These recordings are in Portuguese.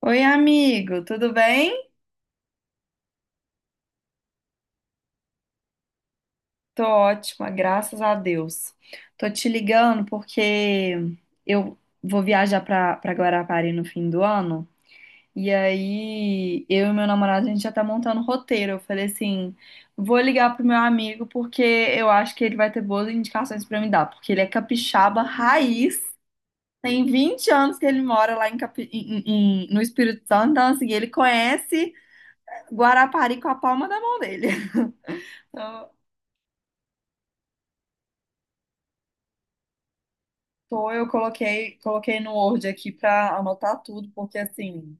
Oi, amigo, tudo bem? Tô ótima, graças a Deus. Tô te ligando porque eu vou viajar pra Guarapari no fim do ano. E aí, eu e meu namorado, a gente já tá montando o roteiro. Eu falei assim: vou ligar pro meu amigo porque eu acho que ele vai ter boas indicações pra me dar. Porque ele é capixaba raiz, tem 20 anos que ele mora lá no Espírito Santo. Então, assim, ele conhece Guarapari com a palma da mão dele. Tô, eu coloquei no Word aqui pra anotar tudo, porque assim,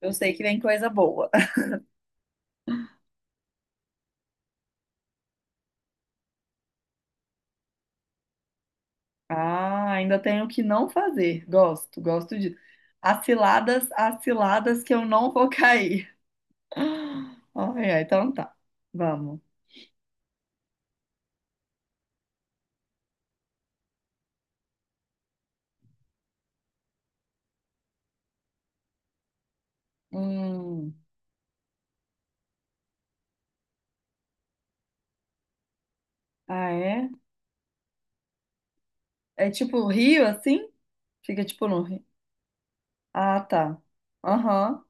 eu sei que vem coisa boa. Ah, ainda tenho o que não fazer. Gosto, gosto de. As ciladas que eu não vou cair. Ai, ai, então tá. Vamos. Hum, ah, é? É tipo rio assim? Fica tipo no rio. Ah, tá. Aham.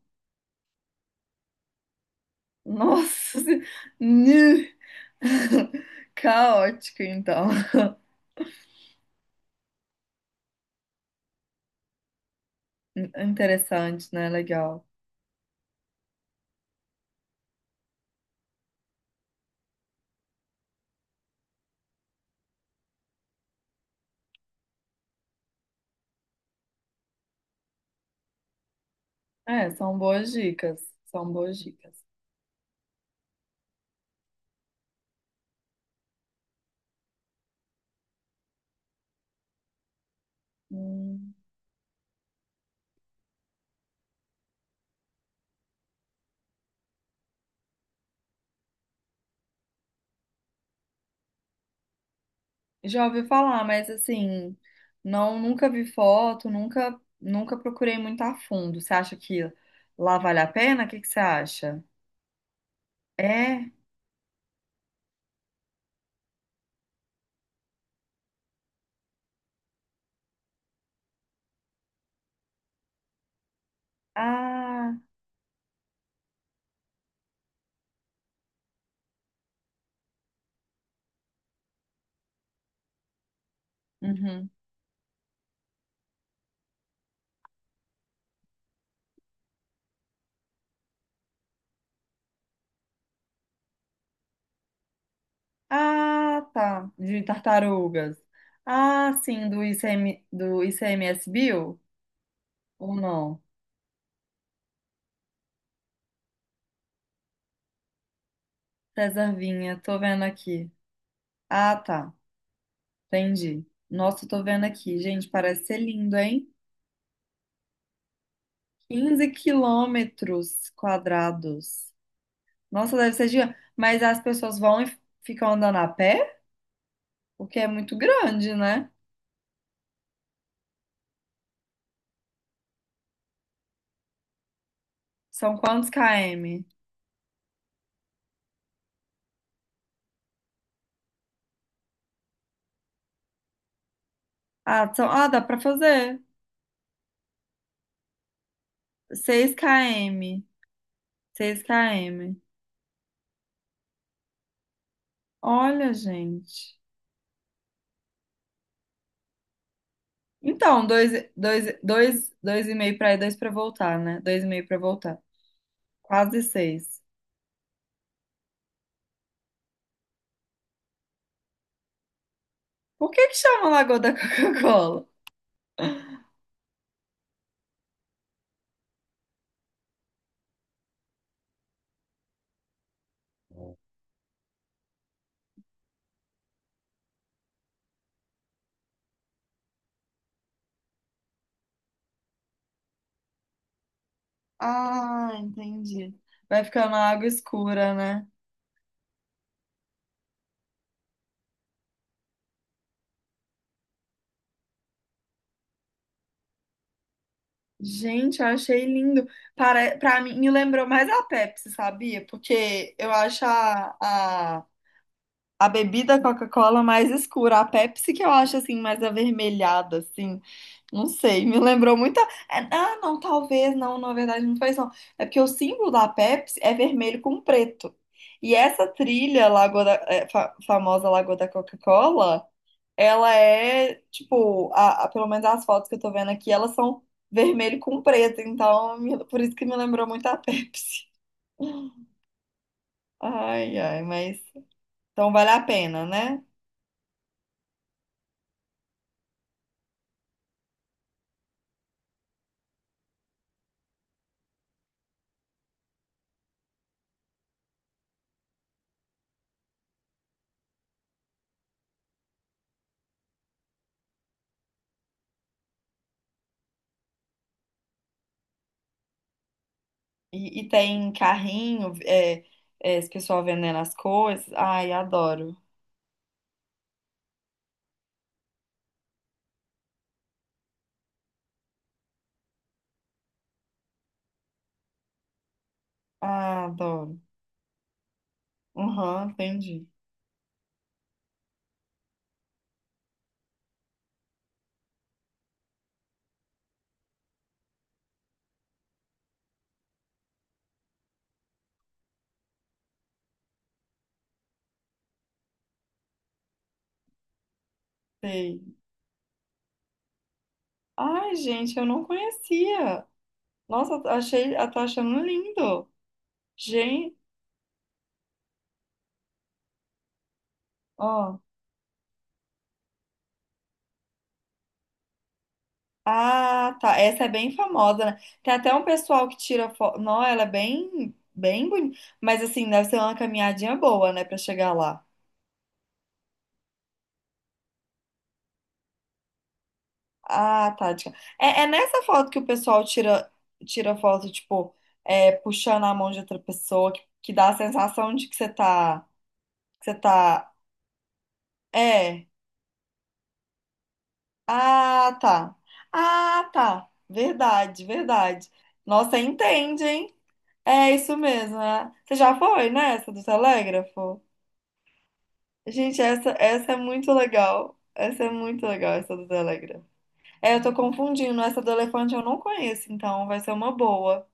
Nossa. Senhora. Nu. Caótico, então. Interessante, né? Legal. É, são boas dicas, são boas dicas. Hum, Já ouvi falar, mas assim, não, nunca vi foto, nunca, nunca procurei muito a fundo. Você acha que lá vale a pena? O que que você acha? É? Ah, uhum. Ah, tá. De tartarugas. Ah, sim, do ICM, do ICMS Bill? Ou não? César Vinha, tô vendo aqui. Ah, tá. Entendi. Nossa, tô vendo aqui. Gente, parece ser lindo, hein? 15 quilômetros quadrados. Nossa, deve ser gigante. Mas as pessoas vão e ficam andando a pé? Porque é muito grande, né? São quantos km? Ah, dá pra fazer. 6 km. 6 km. Olha, gente. Então, dois e meio pra ir, dois pra voltar, né? Dois e meio pra voltar. Quase seis. Por que que chama Lagoa da Coca-Cola? Ah, entendi. Vai ficando água escura, né? Gente, eu achei lindo. Para mim, me lembrou mais a Pepsi, sabia? Porque eu acho a bebida Coca-Cola mais escura. A Pepsi que eu acho, assim, mais avermelhada, assim. Não sei, me lembrou muito. Ah, não, talvez, não, na verdade não foi isso, não. É porque o símbolo da Pepsi é vermelho com preto. E essa trilha, Lagoa da, famosa Lagoa da Coca-Cola. Ela é, tipo, pelo menos as fotos que eu tô vendo aqui, elas são vermelho com preto, então por isso que me lembrou muito a Pepsi. Ai, ai, mas então vale a pena, né? E tem carrinho, esse pessoal vendendo as coisas. Ai, adoro. Ah, adoro. Aham, entendi. Sei. Ai, gente, eu não conhecia. Nossa, eu tô achando lindo. Gente, ó. Ah, tá. Essa é bem famosa, né? Tem até um pessoal que tira foto. Não, ela é bem, bem bonita. Mas assim, deve ser uma caminhadinha boa, né, pra chegar lá. Ah, tá. É nessa foto que o pessoal tira foto, tipo, é, puxando a mão de outra pessoa, que dá a sensação de que você tá, que você tá. É. Ah, tá. Ah, tá. Verdade, verdade. Nossa, entende, hein? É isso mesmo, né? Você já foi nessa do telégrafo? Gente, essa é muito legal. Essa é muito legal, essa do Telegram. É, eu tô confundindo. Essa do elefante eu não conheço, então vai ser uma boa.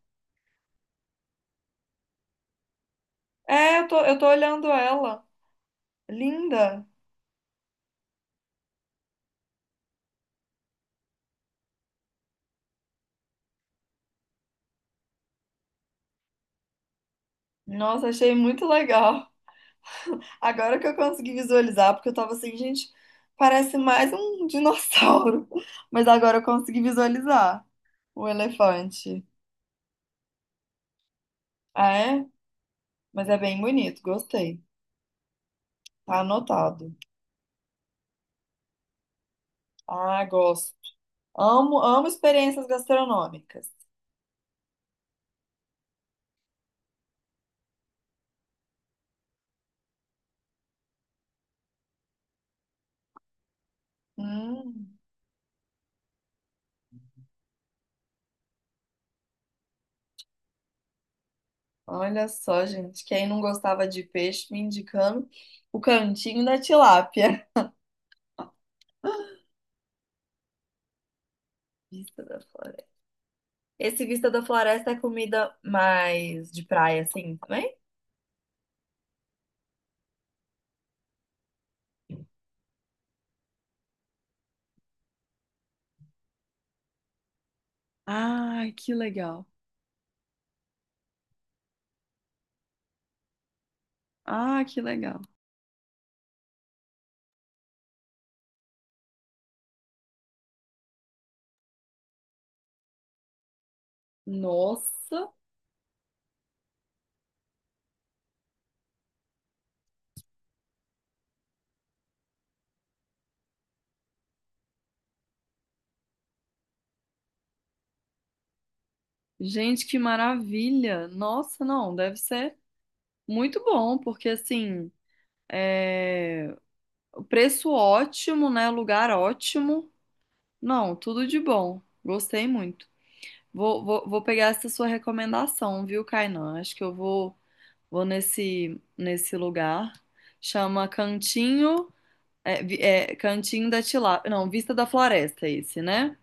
É, eu tô olhando ela. Linda. Nossa, achei muito legal. Agora que eu consegui visualizar, porque eu tava assim, gente, parece mais um dinossauro. Mas agora eu consegui visualizar o elefante. Ah, é? Mas é bem bonito, gostei. Tá anotado. Ah, gosto. Amo, amo experiências gastronômicas. Hum, Olha só, gente. Quem não gostava de peixe me indicando o cantinho da tilápia. Vista da Floresta. Esse Vista da Floresta é comida mais de praia, assim, também? Ah, que legal. Ah, que legal. Nossa, gente, que maravilha. Nossa, não, deve ser muito bom, porque assim, é... o preço ótimo, né? Lugar ótimo. Não, tudo de bom. Gostei muito. Vou pegar essa sua recomendação, viu, Kainan? Acho que eu vou nesse lugar. Chama Cantinho, Cantinho da Tilápia. Não, Vista da Floresta, esse, né?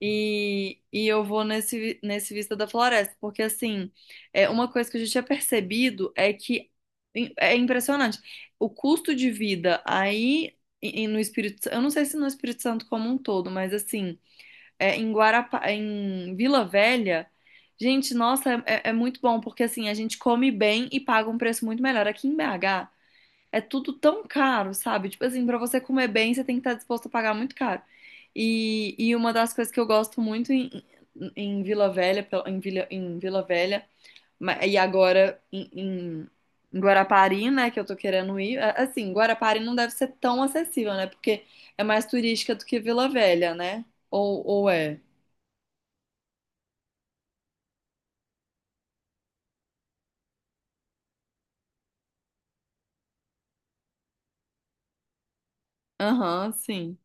E eu vou nesse Vista da Floresta, porque assim, é uma coisa que a gente tinha percebido é que é impressionante. O custo de vida aí e no Espírito Santo, eu não sei se no Espírito Santo como um todo, mas assim em Vila Velha. Gente, nossa, é muito bom, porque assim, a gente come bem e paga um preço muito melhor. Aqui em BH é tudo tão caro, sabe? Tipo assim, pra você comer bem, você tem que estar disposto a pagar muito caro. E uma das coisas que eu gosto muito em, em, Vila Velha, em Vila Velha, e agora em Guarapari, né, que eu tô querendo ir. Assim, Guarapari não deve ser tão acessível, né? Porque é mais turística do que Vila Velha, né? Ou é? Aham, sim.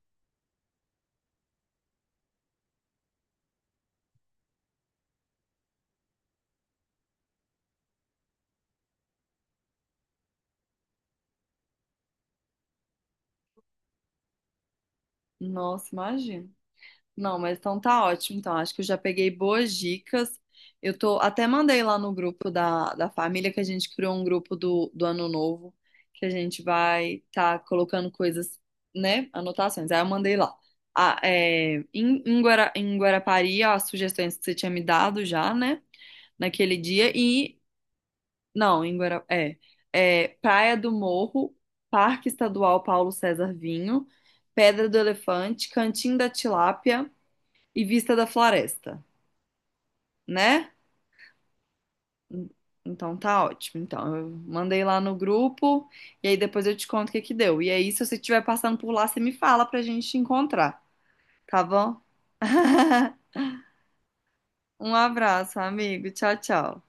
Nossa, imagina. Não, mas então tá ótimo. Então, acho que eu já peguei boas dicas. Eu tô até mandei lá no grupo da família que a gente criou um grupo do Ano Novo, que a gente vai tá colocando coisas, né? Anotações. Aí eu mandei lá. Ah, é, em, em Guarapari, as sugestões que você tinha me dado já, né? Naquele dia. Não, é Praia do Morro, Parque Estadual Paulo César Vinho, Pedra do Elefante, Cantinho da Tilápia e Vista da Floresta, né? Hum, Então tá ótimo. Então, eu mandei lá no grupo e aí depois eu te conto o que que deu. E aí, se você estiver passando por lá, você me fala pra gente encontrar, tá bom? Um abraço, amigo. Tchau, tchau.